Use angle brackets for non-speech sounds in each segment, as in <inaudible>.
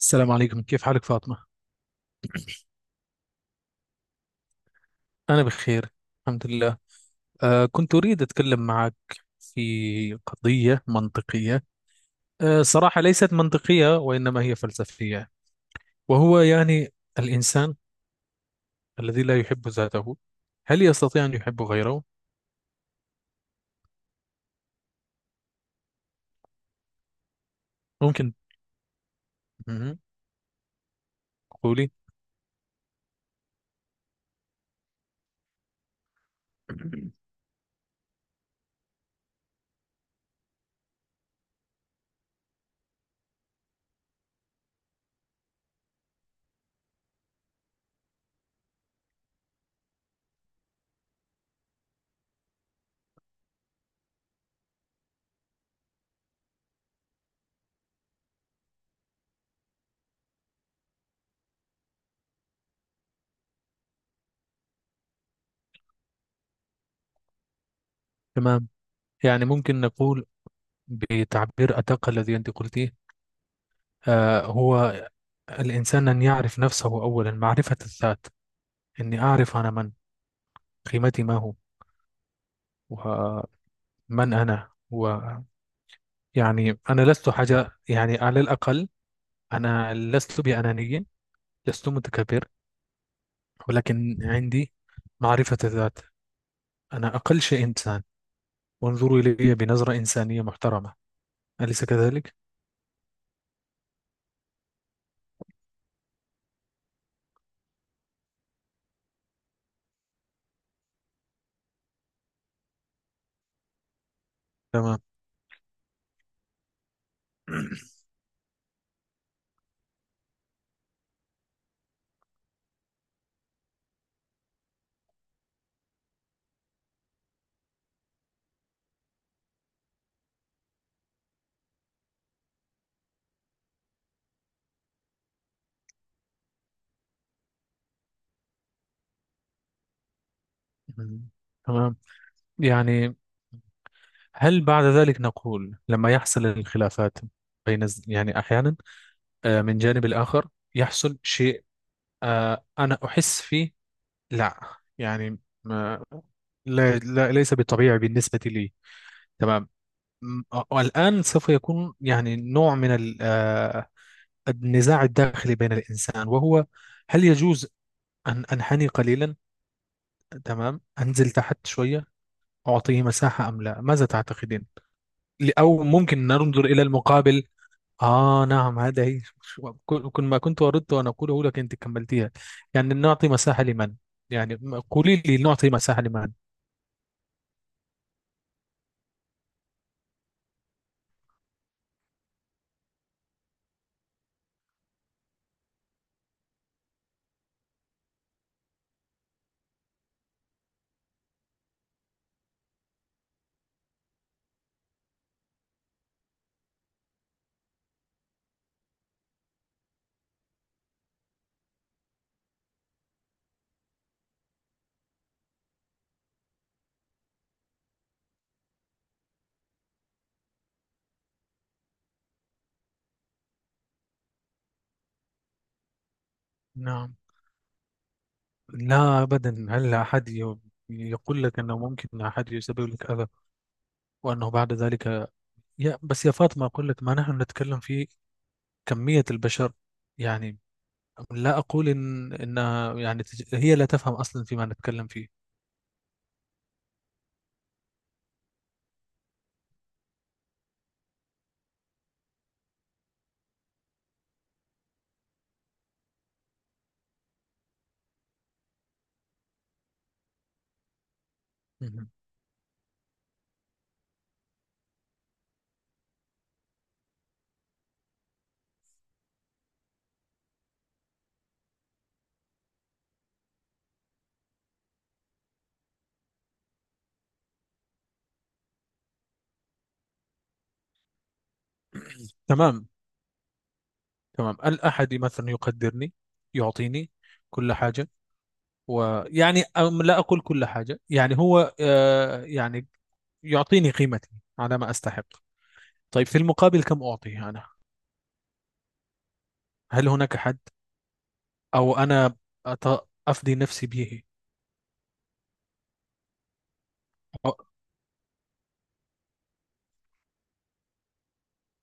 السلام عليكم، كيف حالك فاطمة؟ أنا بخير الحمد لله. كنت أريد أتكلم معك في قضية منطقية. صراحة ليست منطقية وإنما هي فلسفية. وهو يعني الإنسان الذي لا يحب ذاته، هل يستطيع أن يحب غيره؟ ممكن. مهم. قولي. <coughs> تمام. يعني ممكن نقول بتعبير أدق الذي أنت قلتيه. هو الإنسان أن يعرف نفسه أولا، معرفة الذات. أني أعرف أنا من قيمتي ما هو، من أنا. ويعني أنا لست حاجة، يعني على الأقل أنا لست بأناني، لست متكبر، ولكن عندي معرفة الذات. أنا أقل شيء إنسان، وانظروا إلي بنظرة إنسانية محترمة. أليس كذلك؟ تمام. مم. تمام. يعني هل بعد ذلك نقول لما يحصل الخلافات بين يعني أحيانا، من جانب الآخر يحصل شيء. أنا أحس فيه لا، يعني ما، لا, لا ليس بالطبيعي بالنسبة لي. تمام. م- والآن سوف يكون يعني نوع من النزاع الداخلي بين الإنسان. وهو هل يجوز أن أنحني قليلا؟ تمام، أنزل تحت شوية، أعطيه مساحة أم لا؟ ماذا تعتقدين؟ أو ممكن ننظر إلى المقابل. نعم، هذا هي كل ما كنت أردت أن أقوله لك، أنت كملتيها. يعني نعطي مساحة لمن؟ يعني قولي لي، نعطي مساحة لمن؟ نعم. لا أبدا، هل أحد يقول لك أنه ممكن أحد يسبب لك أذى؟ وأنه بعد ذلك، يا بس يا فاطمة، أقول لك ما نحن نتكلم في كمية البشر. يعني لا أقول إن إنها يعني هي لا تفهم أصلا فيما نتكلم فيه. مهم. تمام. تمام، الأحد مثلا يقدرني، يعطيني كل حاجة. ويعني أم لا أقول كل حاجة، يعني هو يعني يعطيني قيمتي على ما أستحق. طيب في المقابل كم أعطيه أنا؟ هل هناك حد؟ أو أنا أط- أفدي نفسي به؟ أو-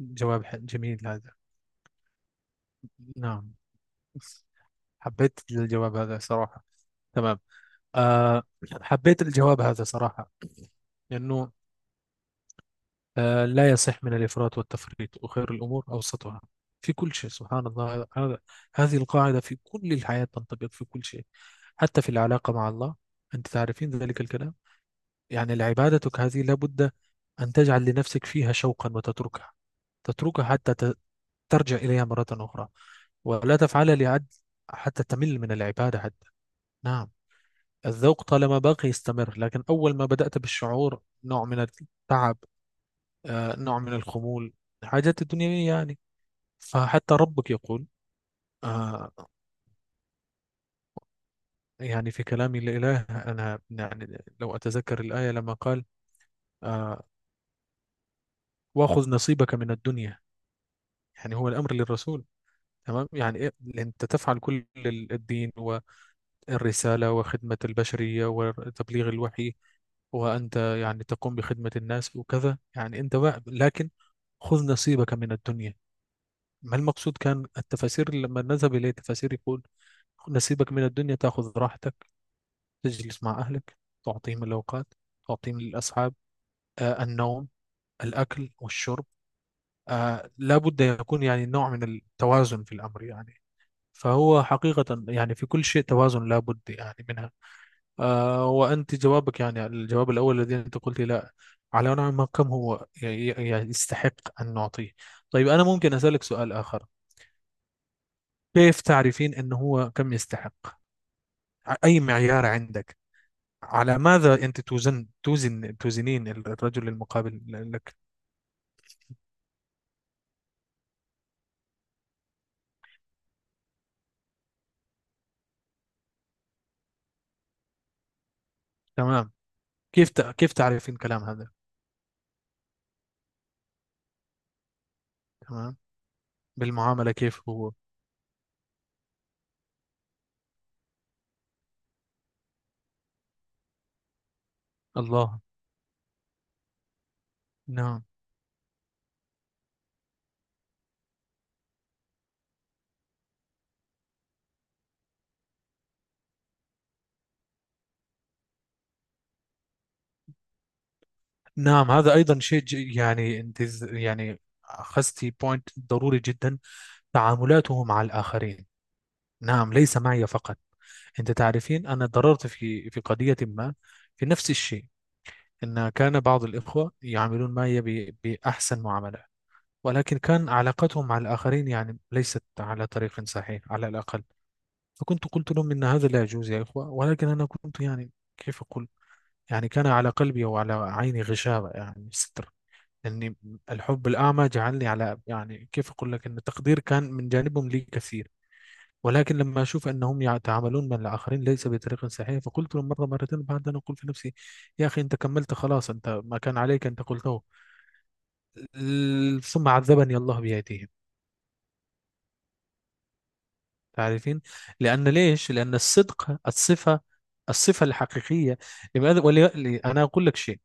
جواب جميل هذا. نعم، حبيت الجواب هذا صراحة. تمام. أه، حبيت الجواب هذا صراحة، لأنه أه لا يصح من الإفراط والتفريط، وخير الأمور أوسطها في كل شيء. سبحان الله، هذا، هذه القاعدة في كل الحياة تنطبق في كل شيء. حتى في العلاقة مع الله أنت تعرفين ذلك الكلام. يعني عبادتك هذه لابد أن تجعل لنفسك فيها شوقا، وتتركها، تتركها حتى ترجع إليها مرة أخرى، ولا تفعلها لعد، حتى تمل من العبادة. حتى نعم الذوق طالما باقي يستمر، لكن أول ما بدأت بالشعور نوع من التعب، نوع من الخمول، الحاجات الدنيوية يعني. فحتى ربك يقول، آه، يعني في كلامي لإله، أنا يعني لو أتذكر الآية لما قال، آه، وأخذ نصيبك من الدنيا. يعني هو الأمر للرسول، تمام، يعني إيه؟ أنت تفعل كل الدين والرسالة وخدمة البشرية وتبليغ الوحي، وأنت يعني تقوم بخدمة الناس وكذا، يعني أنت بقى، لكن خذ نصيبك من الدنيا. ما المقصود؟ كان التفاسير لما نذهب إليه، التفاسير يقول خذ نصيبك من الدنيا، تأخذ راحتك، تجلس مع أهلك، تعطيهم الأوقات، تعطيهم الأصحاب، النوم، الأكل والشرب. لابد يكون يعني نوع من التوازن في الأمر يعني. فهو حقيقة يعني في كل شيء توازن لابد يعني منها. آه، وأنت جوابك يعني الجواب الأول الذي أنت قلت لا على نوع ما، كم هو يعني يستحق أن نعطيه. طيب أنا ممكن أسألك سؤال آخر؟ كيف تعرفين أنه هو كم يستحق؟ أي معيار عندك؟ على ماذا أنت توزن توزنين الرجل المقابل لك؟ تمام. كيف تعرفين كلام هذا؟ تمام، بالمعاملة، كيف هو؟ الله. نعم. نعم، هذا أيضا شيء يعني أنت يعني أخذتي بوينت ضروري جدا. تعاملاته مع الآخرين، نعم، ليس معي فقط. أنت تعرفين أنا ضررت في قضية ما، في نفس الشيء. أن كان بعض الإخوة يعاملون معي بأحسن معاملة، ولكن كان علاقتهم مع الآخرين يعني ليست على طريق صحيح على الأقل. فكنت قلت لهم إن هذا لا يجوز يا إخوة، ولكن أنا كنت يعني كيف أقول، يعني كان على قلبي وعلى عيني غشاوة، يعني ستر. أني الحب الأعمى جعلني على، يعني كيف أقول لك، أن التقدير كان من جانبهم لي كثير، ولكن لما أشوف أنهم يتعاملون مع الآخرين ليس بطريقة صحيحة، فقلت له مرة مرتين، بعد أن أقول في نفسي يا أخي أنت كملت خلاص، أنت ما كان عليك، أنت قلته. ثم عذبني الله بأيديهم. تعرفين، لأن، ليش؟ لأن الصدق الصفة، الصفة الحقيقية. لماذا ولي... أنا أقول لك شيء.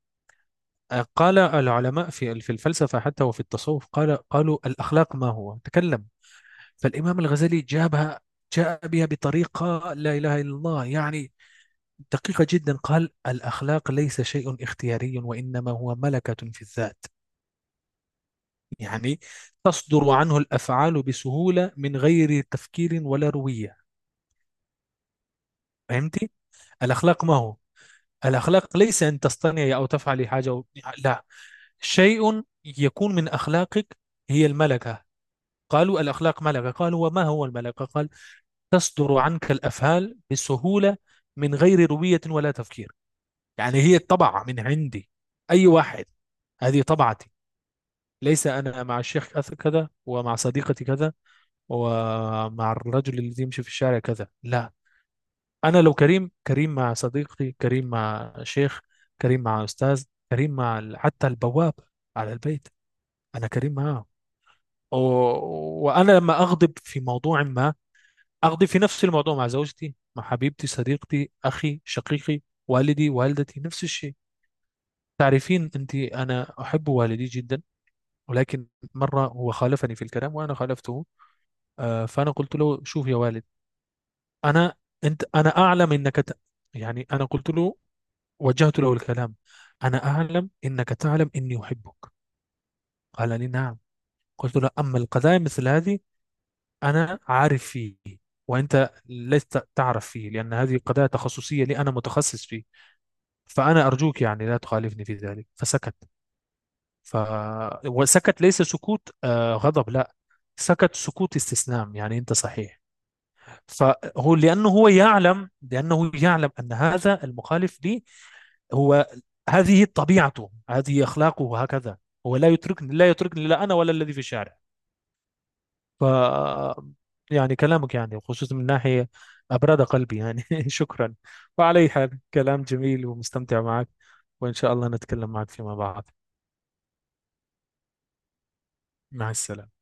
قال العلماء في في الفلسفة حتى، وفي التصوف قال، قالوا الأخلاق ما هو؟ تكلم. فالإمام الغزالي جابها، جاء بها بطريقة، لا إله إلا الله، يعني دقيقة جدا. قال الأخلاق ليس شيء اختياري، وإنما هو ملكة في الذات. يعني تصدر عنه الأفعال بسهولة من غير تفكير ولا روية. فهمتي؟ الأخلاق ما هو؟ الأخلاق ليس أن تصطنعي أو تفعلي حاجة و... لا، شيء يكون من أخلاقك، هي الملكة. قالوا الأخلاق ملكة، قالوا وما هو الملكة؟ قال تصدر عنك الأفعال بسهولة من غير روية ولا تفكير. يعني هي الطبعة من عندي أي واحد. هذه طبعتي. ليس أنا مع الشيخ كذا كذا، ومع صديقتي كذا، ومع الرجل الذي يمشي في الشارع كذا، لا. أنا لو كريم، كريم مع صديقي، كريم مع شيخ، كريم مع أستاذ، كريم مع حتى البواب على البيت أنا كريم معه. و... وأنا لما أغضب في موضوع ما، أغضب في نفس الموضوع مع زوجتي، مع حبيبتي، صديقتي، أخي، شقيقي، والدي، والدتي، نفس الشيء. تعرفين أنت أنا أحب والدي جدا، ولكن مرة هو خالفني في الكلام وأنا خالفته. فأنا قلت له شوف يا والد، أنا، أنت، أنا أعلم أنك ت... يعني أنا قلت له، وجهت له الكلام، أنا أعلم أنك تعلم أني أحبك. قال لي نعم. قلت له أما القضايا مثل هذه أنا عارف فيه، وأنت لست تعرف فيه، لأن هذه قضايا تخصصية لي، أنا متخصص فيه. فأنا أرجوك يعني لا تخالفني في ذلك. فسكت. ف... وسكت، ليس سكوت غضب، لا، سكت سكوت استسلام، يعني انت صحيح. فهو لانه هو يعلم، لانه يعلم ان هذا المخالف لي هو، هذه طبيعته، هذه اخلاقه هكذا. هو لا يتركني، لا يتركني، لا انا ولا الذي في الشارع. ف يعني كلامك يعني خصوصا من ناحيه ابرد قلبي، يعني <laughs> شكرا. وعلى أي حال كلام جميل ومستمتع معك، وان شاء الله نتكلم معك فيما بعد. مع السلامه.